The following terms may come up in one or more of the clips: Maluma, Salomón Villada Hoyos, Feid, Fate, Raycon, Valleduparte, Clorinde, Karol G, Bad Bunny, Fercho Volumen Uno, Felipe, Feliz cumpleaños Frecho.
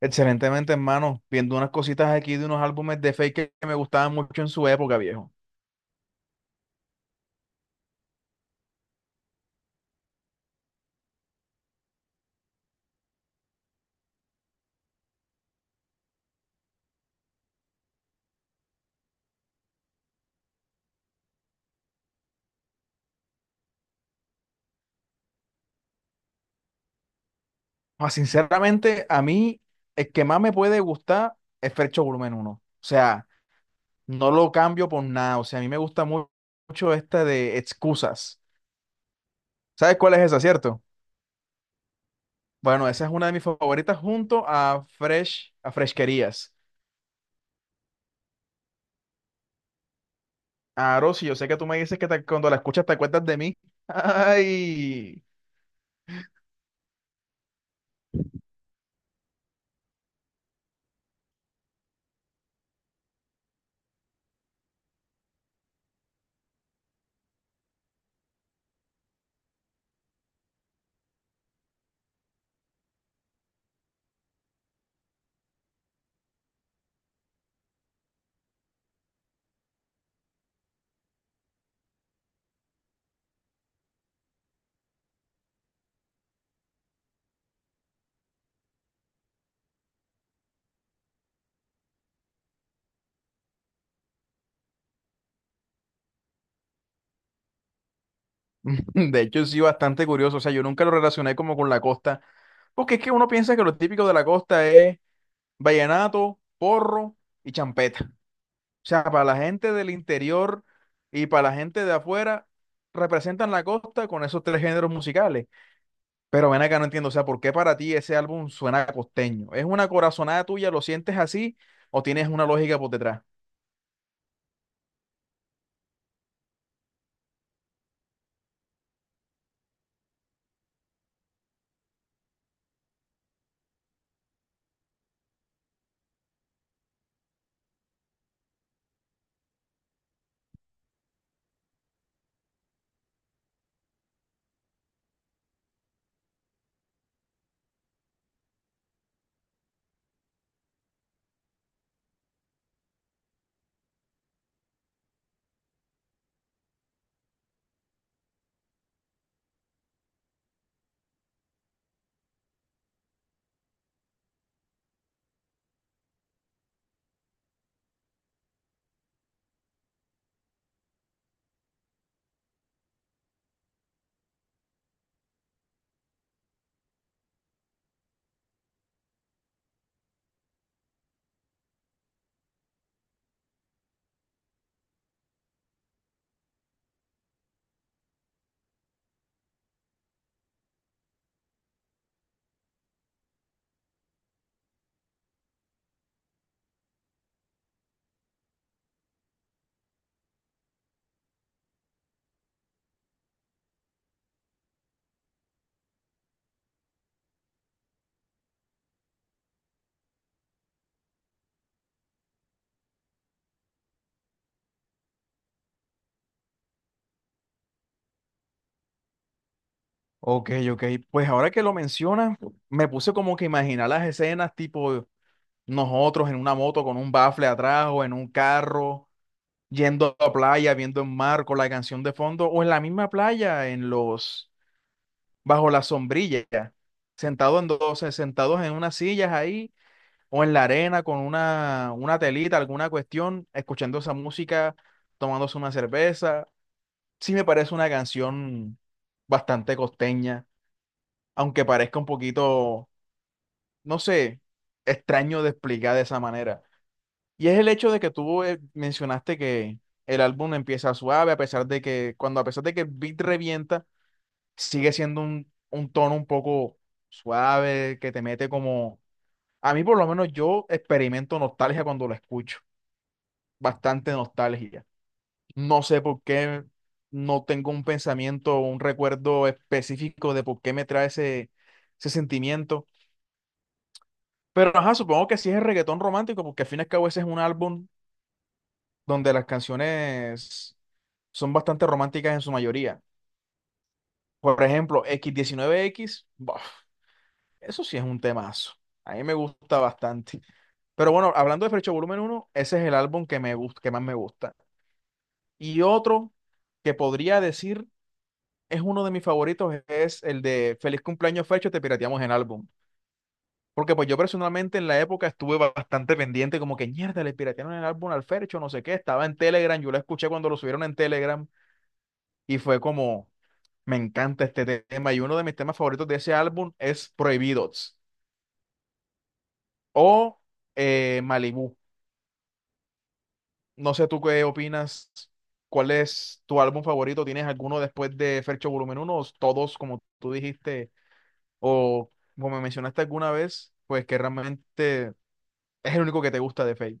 Excelentemente, hermano, viendo unas cositas aquí de unos álbumes de Fake que me gustaban mucho en su época, viejo. Ah, sinceramente, a mí el que más me puede gustar es Fercho Volumen uno. O sea, no lo cambio por nada. O sea, a mí me gusta mucho esta de Excusas. ¿Sabes cuál es esa, cierto? Bueno, esa es una de mis favoritas junto a Fresh, a Fresquerías. Ah, Rosy, yo sé que tú me dices que te- cuando la escuchas te acuerdas de mí. Ay. De hecho, sí, bastante curioso. O sea, yo nunca lo relacioné como con la costa, porque es que uno piensa que lo típico de la costa es vallenato, porro y champeta. O sea, para la gente del interior y para la gente de afuera, representan la costa con esos tres géneros musicales. Pero ven acá, no entiendo. O sea, ¿por qué para ti ese álbum suena costeño? ¿Es una corazonada tuya? ¿Lo sientes así? ¿O tienes una lógica por detrás? Ok, ok. Pues ahora que lo mencionas, me puse como que a imaginar las escenas tipo. Nosotros en una moto con un bafle atrás o en un carro, yendo a la playa, viendo el mar con la canción de fondo, o en la misma playa, en los, bajo la sombrilla, sentados en dos, sentados en unas sillas ahí, o en la arena con una telita, alguna cuestión, escuchando esa música, tomándose una cerveza. Sí me parece una canción bastante costeña, aunque parezca un poquito, no sé, extraño de explicar de esa manera. Y es el hecho de que tú mencionaste que el álbum empieza suave, a pesar de que el beat revienta, sigue siendo un tono un poco suave, que te mete como, a mí por lo menos yo experimento nostalgia cuando lo escucho, bastante nostalgia. No sé por qué, no tengo un pensamiento o un recuerdo específico de por qué me trae ese sentimiento. Pero ajá, supongo que sí es el reggaetón romántico, porque al fin y al cabo ese es un álbum donde las canciones son bastante románticas en su mayoría. Por ejemplo, x 19 x buf, eso sí es un temazo. A mí me gusta bastante. Pero bueno, hablando de Frecho Volumen Uno, ese es el álbum que más me gusta. Y otro que podría decir es uno de mis favoritos, es el de Feliz cumpleaños Frecho, te pirateamos el álbum. Porque pues yo personalmente en la época estuve bastante pendiente, como que mierda, le piratearon el álbum al Fercho, no sé qué, estaba en Telegram, yo lo escuché cuando lo subieron en Telegram y fue como, me encanta este tema. Y uno de mis temas favoritos de ese álbum es Prohibidos o Malibú. No sé tú qué opinas, ¿cuál es tu álbum favorito? ¿Tienes alguno después de Fercho Volumen uno o todos, como tú dijiste, o como me mencionaste alguna vez, pues que realmente es el único que te gusta de Feid?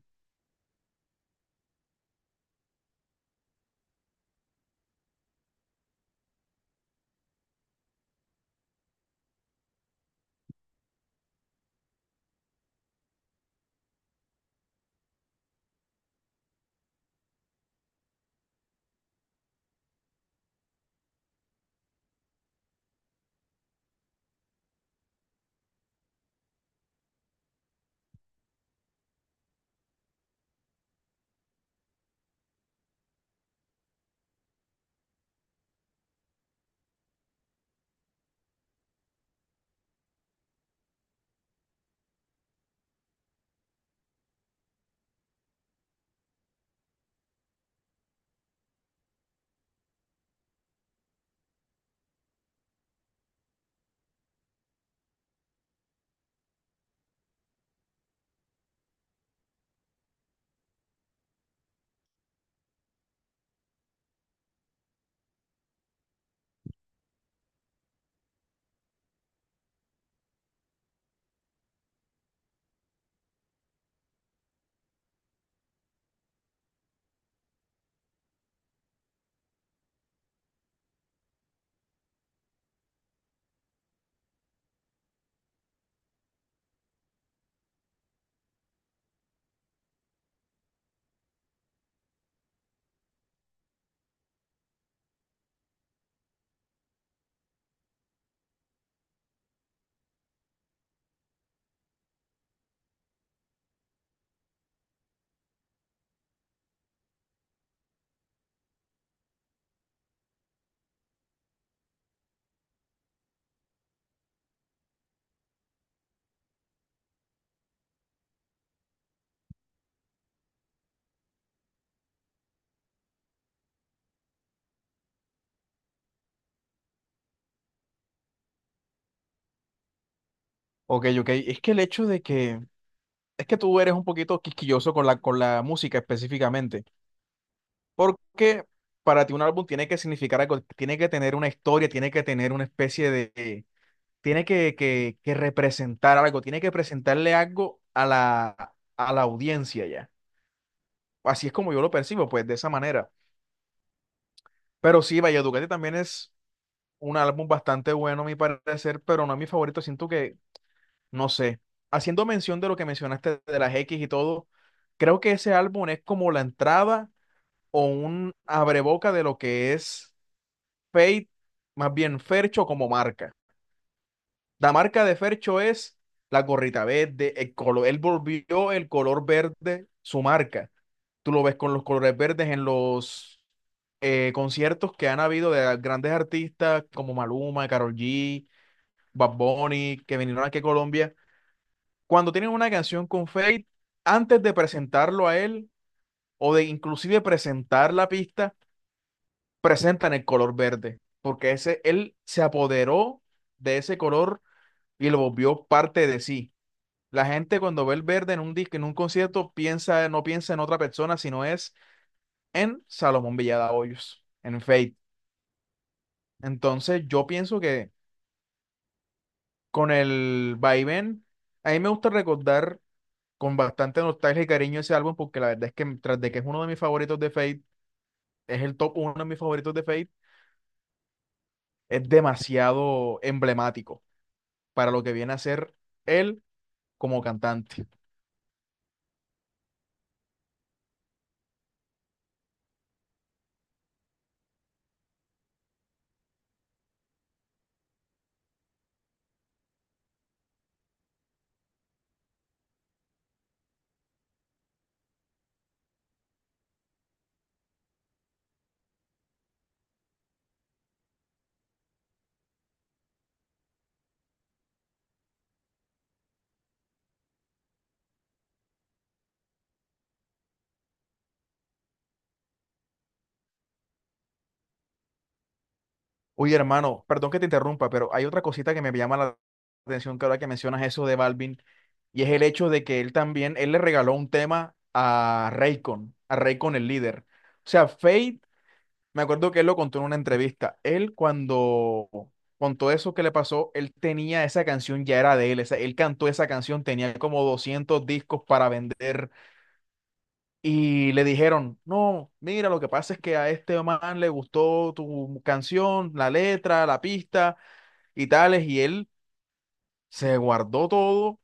Ok, ok. Es que el hecho de que, Es que tú eres un poquito quisquilloso con con la música específicamente. Porque para ti un álbum tiene que significar algo, tiene que tener una historia, tiene que tener una especie de, que representar algo, tiene que presentarle algo a a la audiencia ya. Así es como yo lo percibo, pues de esa manera. Pero sí, Valleduparte también es un álbum bastante bueno, a mi parecer, pero no es mi favorito. Siento que, no sé, haciendo mención de lo que mencionaste de las X y todo, creo que ese álbum es como la entrada o un abreboca de lo que es Fate, más bien Fercho como marca. La marca de Fercho es la gorrita verde, el color, él volvió el color verde su marca. Tú lo ves con los colores verdes en los conciertos que han habido de grandes artistas como Maluma, Karol G, Bad Bunny, que vinieron aquí a Colombia. Cuando tienen una canción con Fate, antes de presentarlo a él o de inclusive presentar la pista, presentan el color verde, porque ese él se apoderó de ese color y lo volvió parte de sí. La gente cuando ve el verde en un disco, en un concierto, piensa, no piensa en otra persona, sino es en Salomón Villada Hoyos, en Fate. Entonces yo pienso que con el vaivén, a mí me gusta recordar con bastante nostalgia y cariño ese álbum porque la verdad es que tras de que es uno de mis favoritos de Fate, es el top uno de mis favoritos de Fate, es demasiado emblemático para lo que viene a ser él como cantante. Oye, hermano, perdón que te interrumpa, pero hay otra cosita que me llama la atención que ahora que mencionas eso de Balvin, y es el hecho de que él le regaló un tema a Raycon el líder. O sea, Fade, me acuerdo que él lo contó en una entrevista. Él cuando contó eso que le pasó, él tenía esa canción, ya era de él, él cantó esa canción, tenía como 200 discos para vender. Y le dijeron, no, mira, lo que pasa es que a este man le gustó tu canción, la letra, la pista, y tales, y él se guardó todo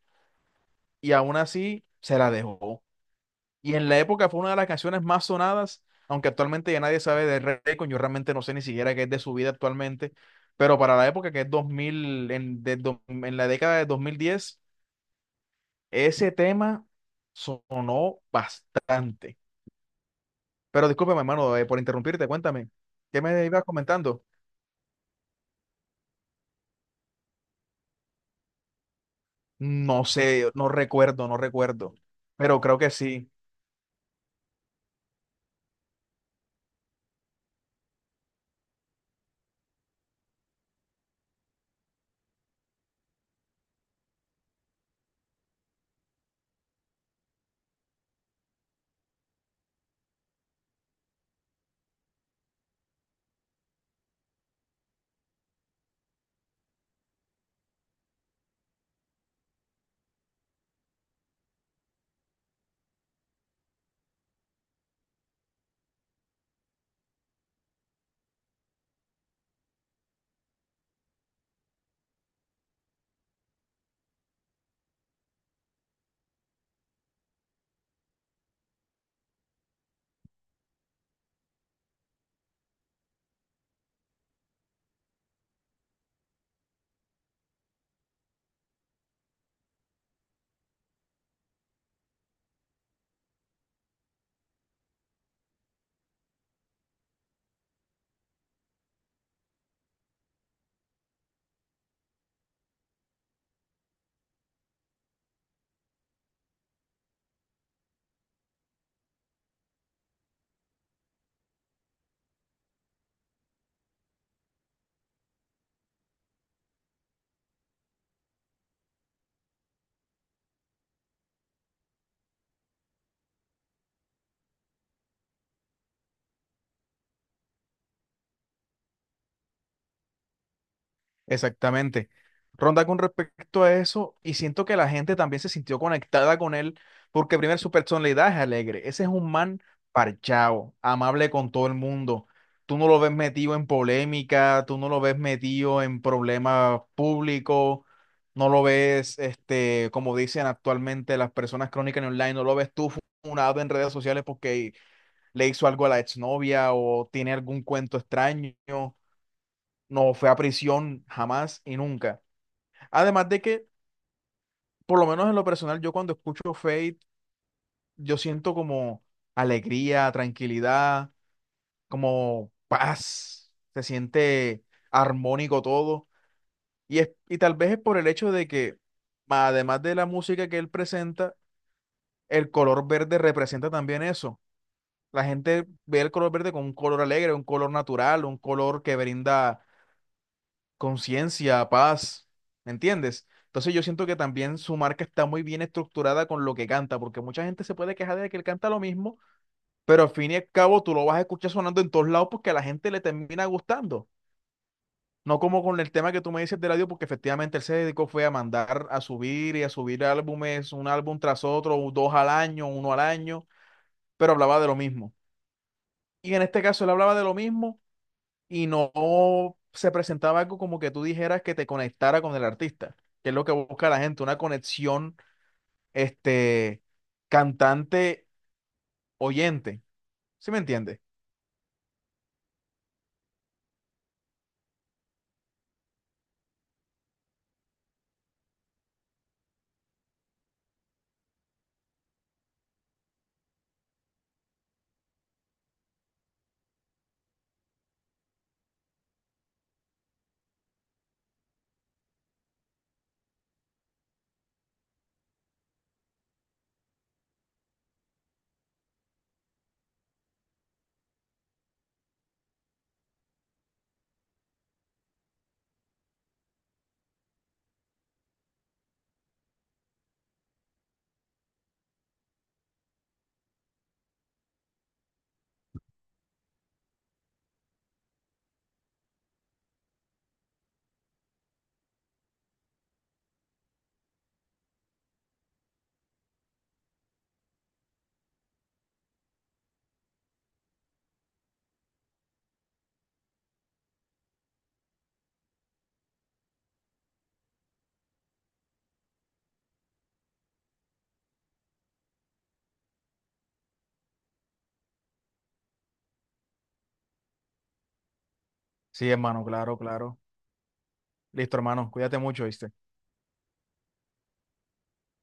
y aún así se la dejó. Y en la época fue una de las canciones más sonadas, aunque actualmente ya nadie sabe de Raycon, yo realmente no sé ni siquiera qué es de su vida actualmente, pero para la época que es 2000 en, de do- en la década de 2010 ese tema sonó bastante. Pero discúlpame, hermano, por interrumpirte, cuéntame, ¿qué me ibas comentando? No sé, no recuerdo, pero creo que sí. Exactamente. Ronda con respecto a eso, y siento que la gente también se sintió conectada con él, porque primero su personalidad es alegre. Ese es un man parchado, amable con todo el mundo. Tú no lo ves metido en polémica, tú no lo ves metido en problemas públicos, no lo ves, este, como dicen actualmente las personas crónicas en online, no lo ves tú funado en redes sociales porque le hizo algo a la exnovia o tiene algún cuento extraño, no fue a prisión jamás y nunca. Además de que, por lo menos en lo personal, yo cuando escucho Fate, yo siento como alegría, tranquilidad, como paz, se siente armónico todo. Y tal vez es por el hecho de que, además de la música que él presenta, el color verde representa también eso. La gente ve el color verde como un color alegre, un color natural, un color que brinda conciencia, paz, ¿me entiendes? Entonces yo siento que también su marca está muy bien estructurada con lo que canta, porque mucha gente se puede quejar de que él canta lo mismo, pero al fin y al cabo tú lo vas a escuchar sonando en todos lados porque a la gente le termina gustando. No como con el tema que tú me dices del audio, porque efectivamente él se dedicó fue a mandar a subir y a subir álbumes, un álbum tras otro, 2 al año, 1 al año, pero hablaba de lo mismo. Y en este caso él hablaba de lo mismo y no se presentaba algo como que tú dijeras que te conectara con el artista, que es lo que busca la gente, una conexión, este, cantante-oyente. ¿Sí me entiendes? Sí, hermano, claro, claro. Listo, hermano, cuídate mucho, ¿viste?